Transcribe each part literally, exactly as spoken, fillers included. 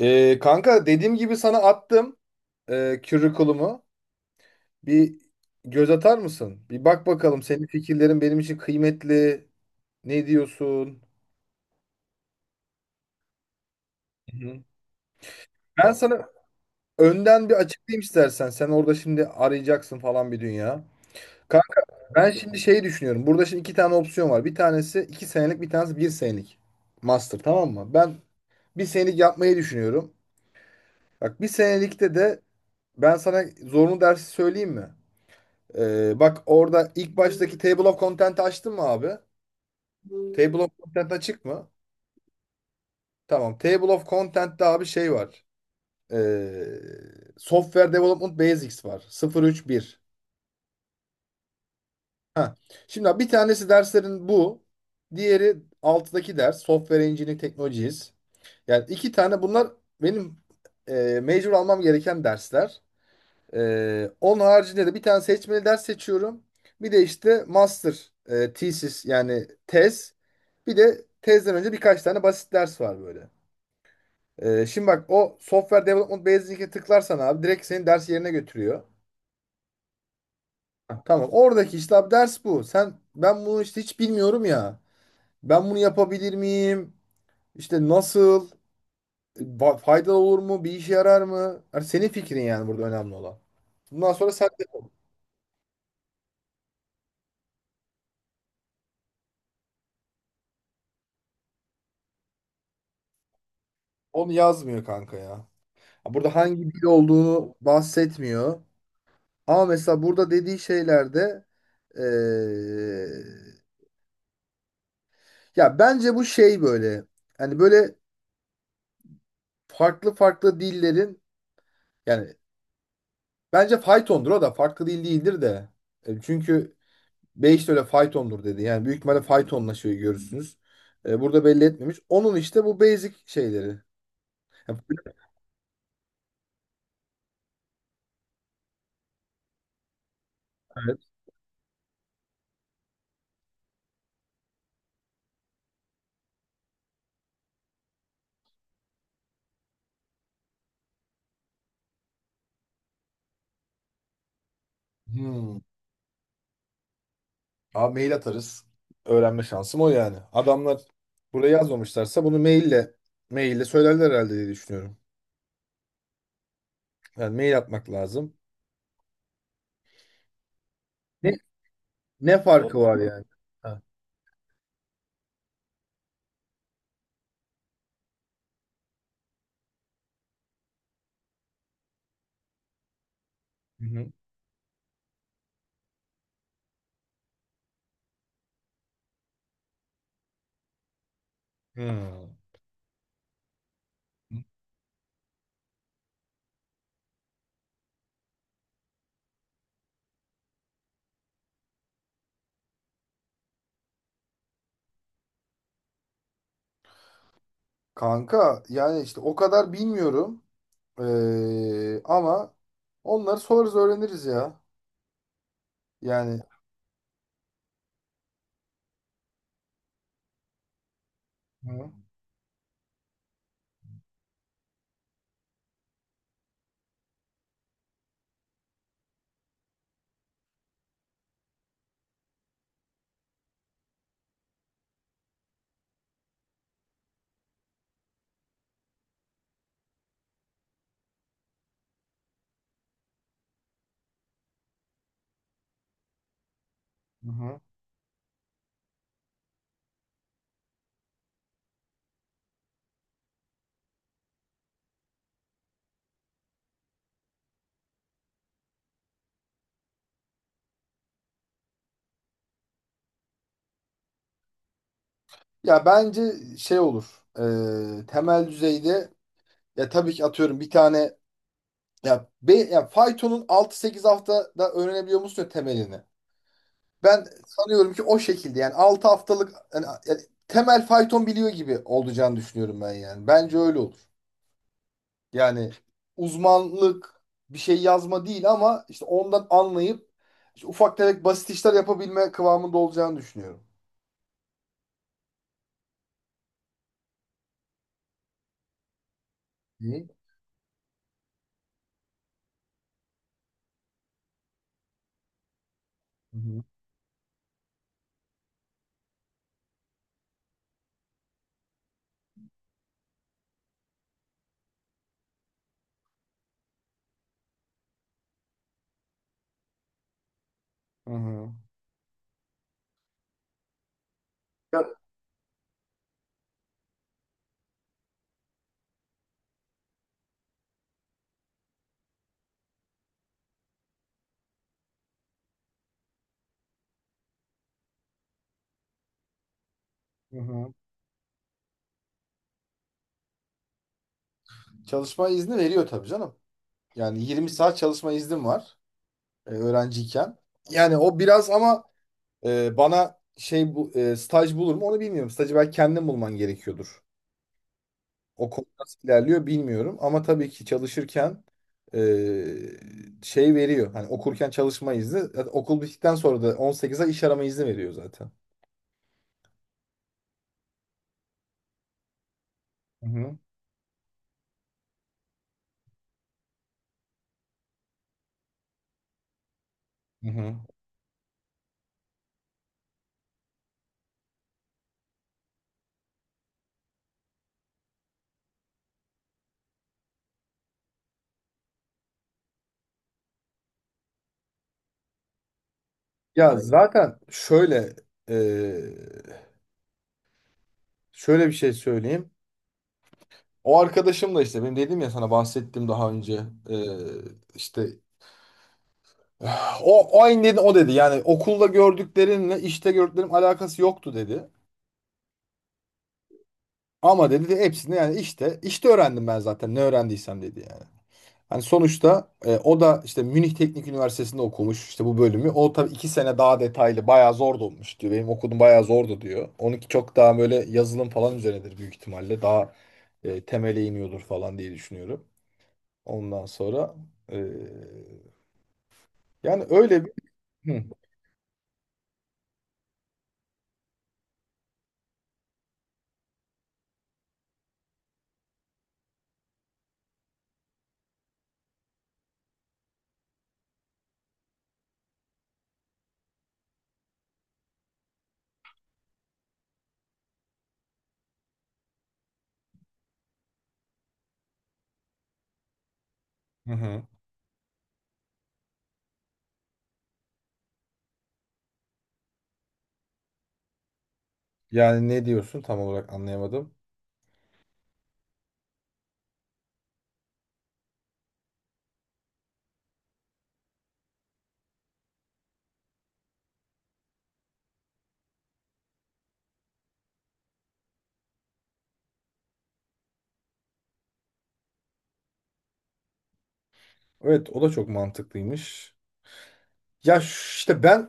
Ee, kanka dediğim gibi sana attım e, curriculum'u. Bir göz atar mısın? Bir bak bakalım, senin fikirlerin benim için kıymetli. Ne diyorsun? Hı hı. Ben sana önden bir açıklayayım istersen. Sen orada şimdi arayacaksın falan bir dünya. Kanka, ben şimdi şeyi düşünüyorum. Burada şimdi iki tane opsiyon var. Bir tanesi iki senelik, bir tanesi bir senelik. Master, tamam mı? Ben bir senelik yapmayı düşünüyorum. Bak, bir senelikte de ben sana zorunlu dersi söyleyeyim mi? Ee, bak, orada ilk baştaki Table of Content'i açtın mı abi? Table of Content açık mı? Tamam. Table of Content'te abi şey var. Ee, Software Development Basics var. sıfır otuz bir. Ha. Şimdi abi bir tanesi derslerin bu. Diğeri alttaki ders. Software Engineering Technologies. Yani iki tane bunlar benim e, major almam gereken dersler. Ee, onun haricinde de bir tane seçmeli ders seçiyorum. Bir de işte master e, thesis, yani tez. Bir de tezden önce birkaç tane basit ders var böyle. Ee, şimdi bak, o Software Development Basic'e tıklarsan abi direkt senin ders yerine götürüyor. Ha, tamam, oradaki işte abi ders bu. Sen, ben bunu işte hiç bilmiyorum ya. Ben bunu yapabilir miyim? İşte nasıl? Ba- Faydalı olur mu? Bir işe yarar mı? Yani senin fikrin, yani burada önemli olan. Bundan sonra sen de onu yazmıyor kanka ya. Burada hangi dil olduğunu bahsetmiyor. Ama mesela burada dediği şeylerde eee, ya bence bu şey böyle, hani böyle farklı farklı dillerin, yani bence faytondur, o da farklı dil değildir de. E, Çünkü Beyiş de öyle faytondur dedi. Yani büyük ihtimalle faytonla şey görürsünüz. E, burada belli etmemiş. Onun işte bu basic şeyleri. Yani- Evet. Hmm. Abi, mail atarız. Öğrenme şansım o yani. Adamlar buraya yazmamışlarsa bunu maille maille söylerler herhalde diye düşünüyorum. Yani mail atmak lazım. Ne ne farkı var yani? Ha. Hı hı. Hmm. Kanka, yani işte o kadar bilmiyorum. Ee, ama onları sorarız, öğreniriz ya. Yani. Hı hı. Hı hı. Ya bence şey olur. Ee, temel düzeyde. Ya tabii ki atıyorum, bir tane, ya, be, ya faytonun altı sekiz haftada öğrenebiliyor musun ya temelini? Ben sanıyorum ki o şekilde, yani altı haftalık, yani, yani temel fayton biliyor gibi olacağını düşünüyorum ben yani. Bence öyle olur. Yani uzmanlık bir şey yazma değil, ama işte ondan anlayıp işte ufak tefek basit işler yapabilme kıvamında olacağını düşünüyorum. İyi. Hı hı. Hı hı. Ya- Hı hı. Çalışma izni veriyor tabii canım. Yani yirmi saat çalışma iznim var. e, öğrenciyken. Yani o biraz, ama e, bana şey, bu e, staj bulur mu onu bilmiyorum. Stajı belki kendin bulman gerekiyordur. O konu nasıl ilerliyor bilmiyorum, ama tabii ki çalışırken e, şey veriyor. Hani okurken çalışma izni, zaten okul bittikten sonra da on sekiz ay iş arama izni veriyor zaten. Hı hı. Hı hı. Ya aynen, zaten şöyle, e, şöyle bir şey söyleyeyim. O arkadaşım da işte benim, dedim ya sana bahsettim daha önce, e, işte O, o aynı dedi, o dedi. Yani okulda gördüklerinle işte gördüklerim alakası yoktu dedi. Ama dedi, de hepsini yani, işte işte öğrendim ben zaten ne öğrendiysem dedi yani. Hani sonuçta e, o da işte Münih Teknik Üniversitesi'nde okumuş işte bu bölümü. O tabii iki sene daha detaylı, bayağı zor da olmuş diyor. Benim okudum bayağı zordu diyor. Onunki çok daha böyle yazılım falan üzerinedir büyük ihtimalle. Daha e, temele iniyordur falan diye düşünüyorum. Ondan sonra e, yani öyle bir... Hı. Hı hı. Yani ne diyorsun tam olarak anlayamadım. Evet, o da çok mantıklıymış. Ya ş- işte ben,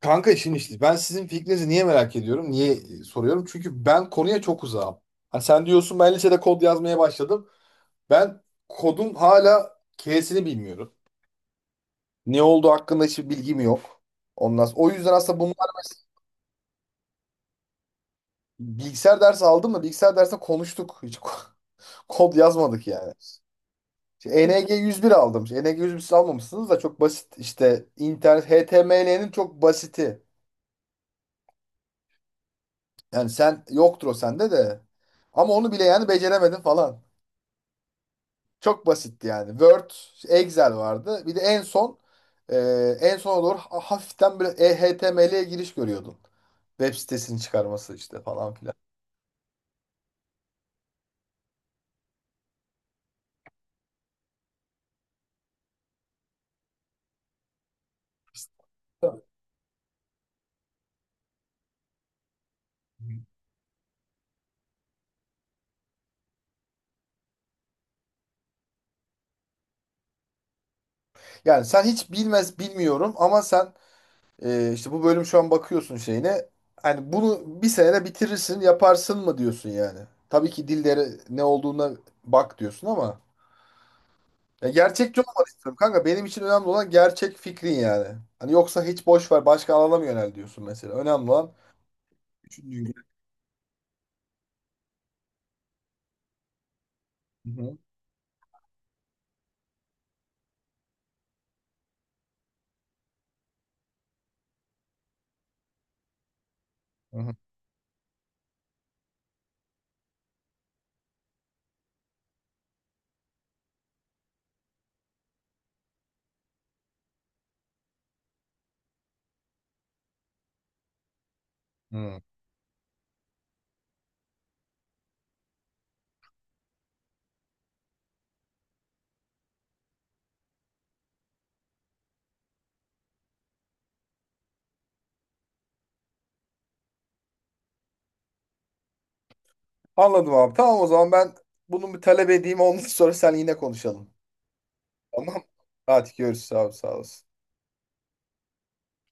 kanka işin işte, ben sizin fikrinizi niye merak ediyorum? Niye e, soruyorum? Çünkü ben konuya çok uzağım. Hani sen diyorsun ben lisede kod yazmaya başladım. Ben kodun hala K'sini bilmiyorum. Ne olduğu hakkında hiçbir bilgim yok. Ondan sonra- o yüzden aslında bunlar bilgisayar dersi aldım da bilgisayar dersinde konuştuk. Hiç ko- kod yazmadık yani. İşte E N G yüz bir aldım. İşte E N G yüz bir siz almamışsınız da çok basit. İşte internet, H T M L'nin çok basiti. Yani sen, yoktur o sende de. Ama onu bile yani beceremedim falan. Çok basitti yani. Word, Excel vardı. Bir de en son e, en sona doğru ha- hafiften böyle H T M L'ye giriş görüyordun. Web sitesini çıkarması işte falan filan. Yani sen hiç bilmez, bilmiyorum, ama sen Ee, işte bu bölüm, şu an bakıyorsun şeyine. Hani bunu bir senede bitirirsin, yaparsın mı diyorsun yani? Tabii ki dillere ne olduğuna bak diyorsun, ama ya gerçekçi olmanı istiyorum kanka. Benim için önemli olan gerçek fikrin yani. Hani yoksa hiç boş ver, başka alana mı yönel diyorsun mesela? Önemli olan düşündüğün. Hı hı, hı hı, hı. Anladım abi. Tamam, o zaman ben bunu bir talep edeyim. Ondan sonra sen, yine konuşalım. Tamam. Hadi görüşürüz abi, sağ olasın.